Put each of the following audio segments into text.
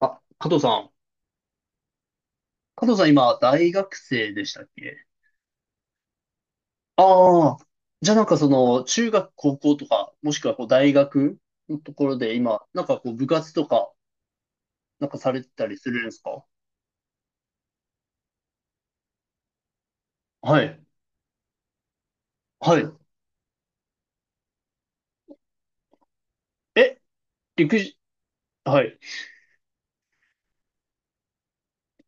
あ、加藤さん。加藤さん、今大学生でしたっけ？ああー。じゃあなんかその、中学、高校とか、もしくはこう大学のところで今、なんかこう部活とか、なんかされてたりするんですか？はい。はい。え、陸上、はい。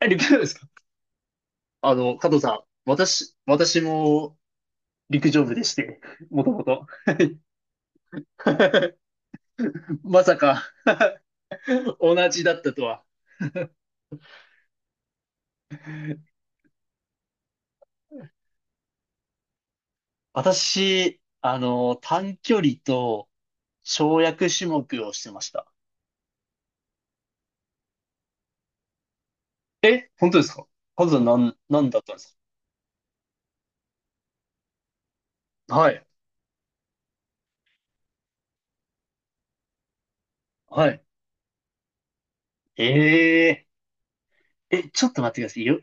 え、陸上部ですか？あの、加藤さん、私も陸上部でして、もともと。まさか、同じだったとは。私、あの、短距離と、跳躍種目をしてました。本当ですか？数なん、なんだったんですか？はい。はい。ええー、ちょっと待ってください。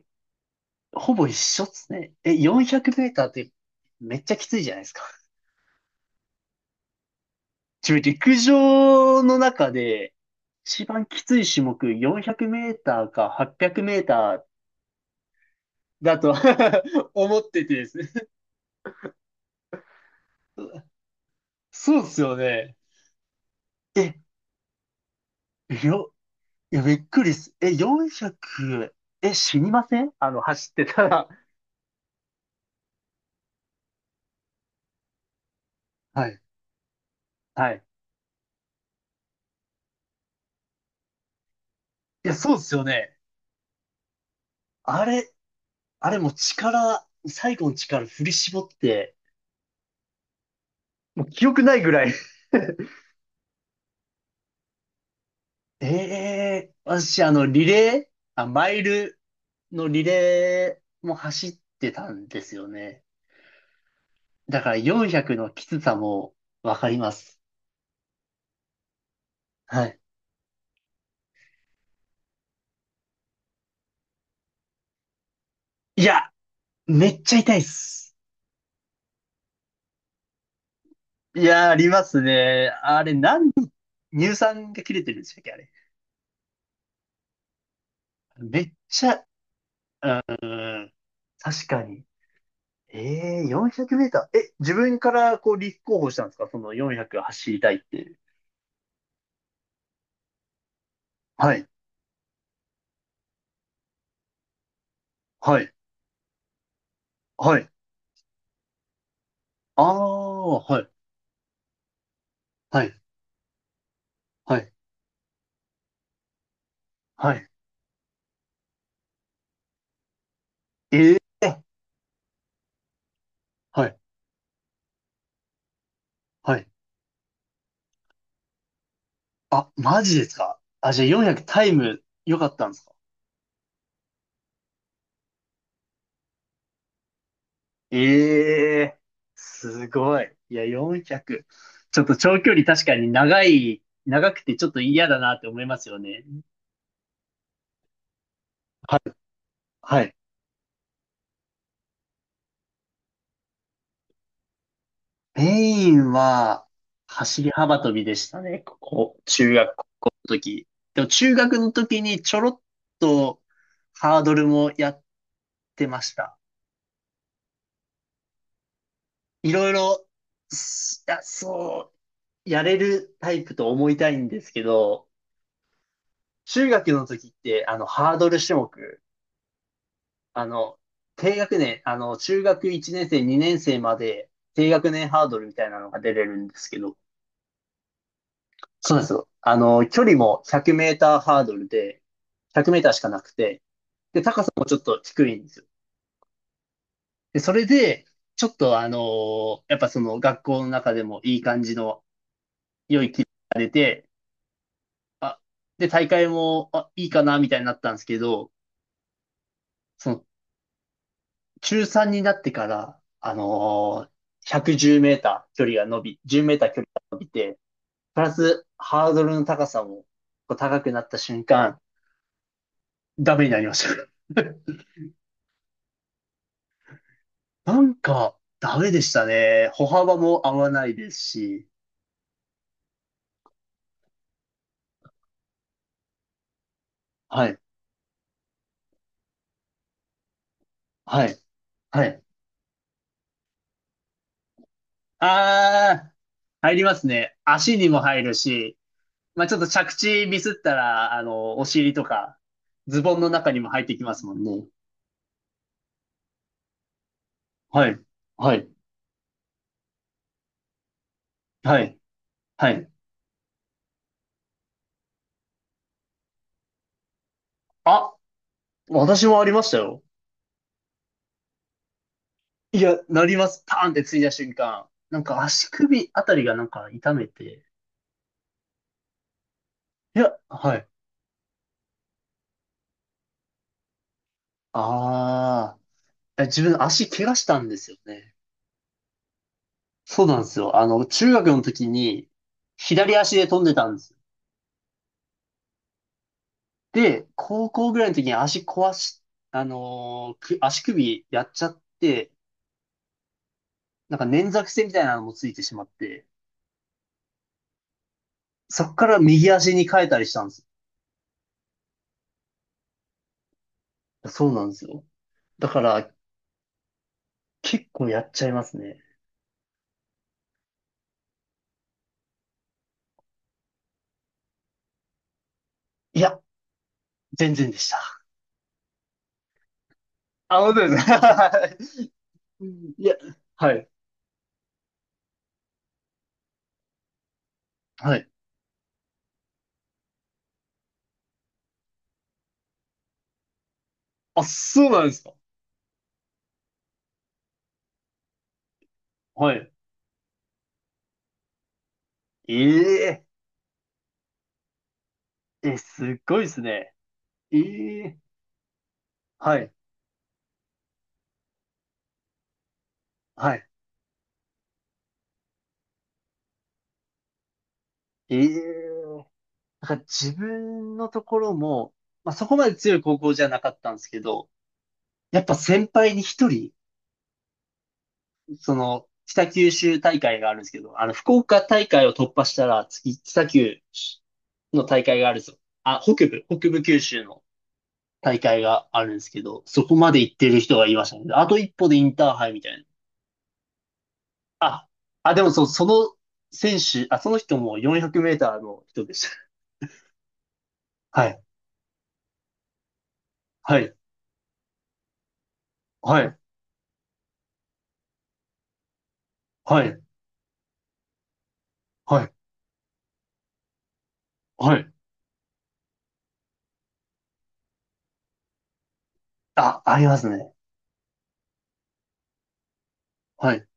ほぼ一緒っすね。え、400メーターってめっちゃきついじゃないですか。自分陸上の中で一番きつい種目400メーターか800メーターだと 思っててですね。そうっすよね。え、よ、いや、びっくりっす。え、400、死にません？あの、走ってたら。はい。はい。いや、そうっすよね。あれ、あれもう力、最後の力振り絞って、もう記憶ないぐらい。 ええ、私あの、リレー、あ、マイルのリレーも走ってたんですよね。だから400のきつさもわかります。はい。いや、めっちゃ痛いっす。いや、ありますね。あれ、乳酸が切れてるんでしたっけ、あれ。めっちゃ、うん、確かに。ええ、400メーター。え、自分からこう立候補したんですか？その400走りたいって。はい、はい、はい。ああ、はい、はい、はい、はい。ええ、はい、はい。あ、マジですか？あ、じゃあ400タイム良かったんですか？ええ、すごい。いや、400。ちょっと長距離確かに長い、長くてちょっと嫌だなって思いますよね。はい、はい。メインは、走り幅跳びでしたね。ここ、中学校の時。でも中学の時にちょろっとハードルもやってました。いろいろ、いや、そう、やれるタイプと思いたいんですけど、中学の時って、あの、ハードル種目、あの、低学年、あの、中学1年生、2年生まで低学年ハードルみたいなのが出れるんですけど、そうなんですよ。あの、距離も100メーターハードルで、100メーターしかなくて、で、高さもちょっと低いんですよ。で、それで、ちょっとあのーやっぱその学校の中でもいい感じの良い気が出て、あ、で、大会も、あ、いいかな、みたいになったんですけど、その、中3になってから、あのー110メーター距離が伸び、10メーター距離が伸びて、プラスハードルの高さもこう高くなった瞬間、ダメになりました。なんか、ダメでしたね。歩幅も合わないですし。はい。はい。はい。あー、入りますね。足にも入るし、まあ、ちょっと着地ミスったら、あの、お尻とか、ズボンの中にも入ってきますもんね。はい。はい。はい。はい。あ、私もありましたよ。いや、なります。パーンってついた瞬間。なんか足首あたりがなんか痛めて。いや、はい。ああ、え、自分足怪我したんですよね。そうなんですよ。あの、中学の時に左足で飛んでたんです。で、高校ぐらいの時に足壊し、あのーく足首やっちゃって、なんか捻挫癖みたいなのもついてしまって、そっから右足に変えたりしたんです。そうなんですよ。だから結構やっちゃいますね。いや、全然でした。あ、本当ですか？ はいや、はい。はい。あ、そうなんですか。はい。ええ、えすっごいですね。ええ、はい。はい。ええ、だから自分のところも、まあ、そこまで強い高校じゃなかったんですけど、やっぱ先輩に一人、その、北九州大会があるんですけど、あの、福岡大会を突破したら、次、北九の大会があるぞ。あ、北部九州の大会があるんですけど、そこまで行ってる人がいましたね。あと一歩でインターハイみたいな。あ、でもそう、その選手、あ、その人も400メーターの人でした。はい、はい、はい、はい、はい、はい。あ、ありますね。はい。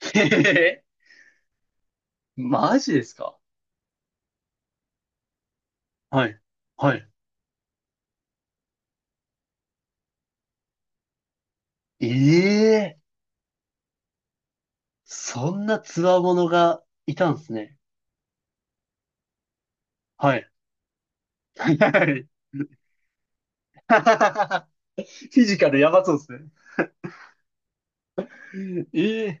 へへへ。マジですか？はい。はい。ええ、そんな強者がいたんですね。はい。はい。フィジカルやばそうですね。ええ、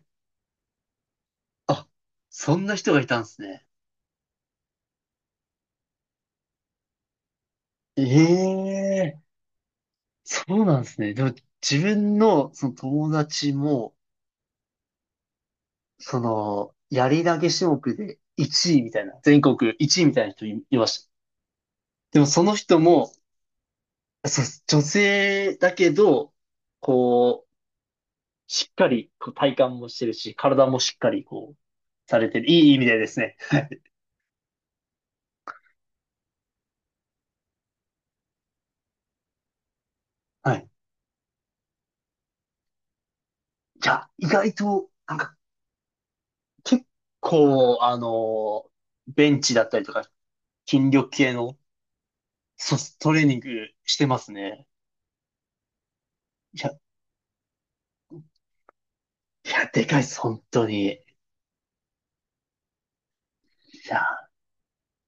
あ、そんな人がいたんですね。ええ、そうなんですね。でも、自分の、その友達も、その、やり投げ種目で1位みたいな、全国1位みたいな人いました。でも、その人も、そう、女性だけど、こう、しっかり、こう体幹もしてるし、体もしっかり、こう、されてる。いい意味でですね。はい。いや、意外と、なんか、結構、あの、ベンチだったりとか、筋力系の、そう、トレーニングしてますね。いや、いや、でかいです、本当に。いや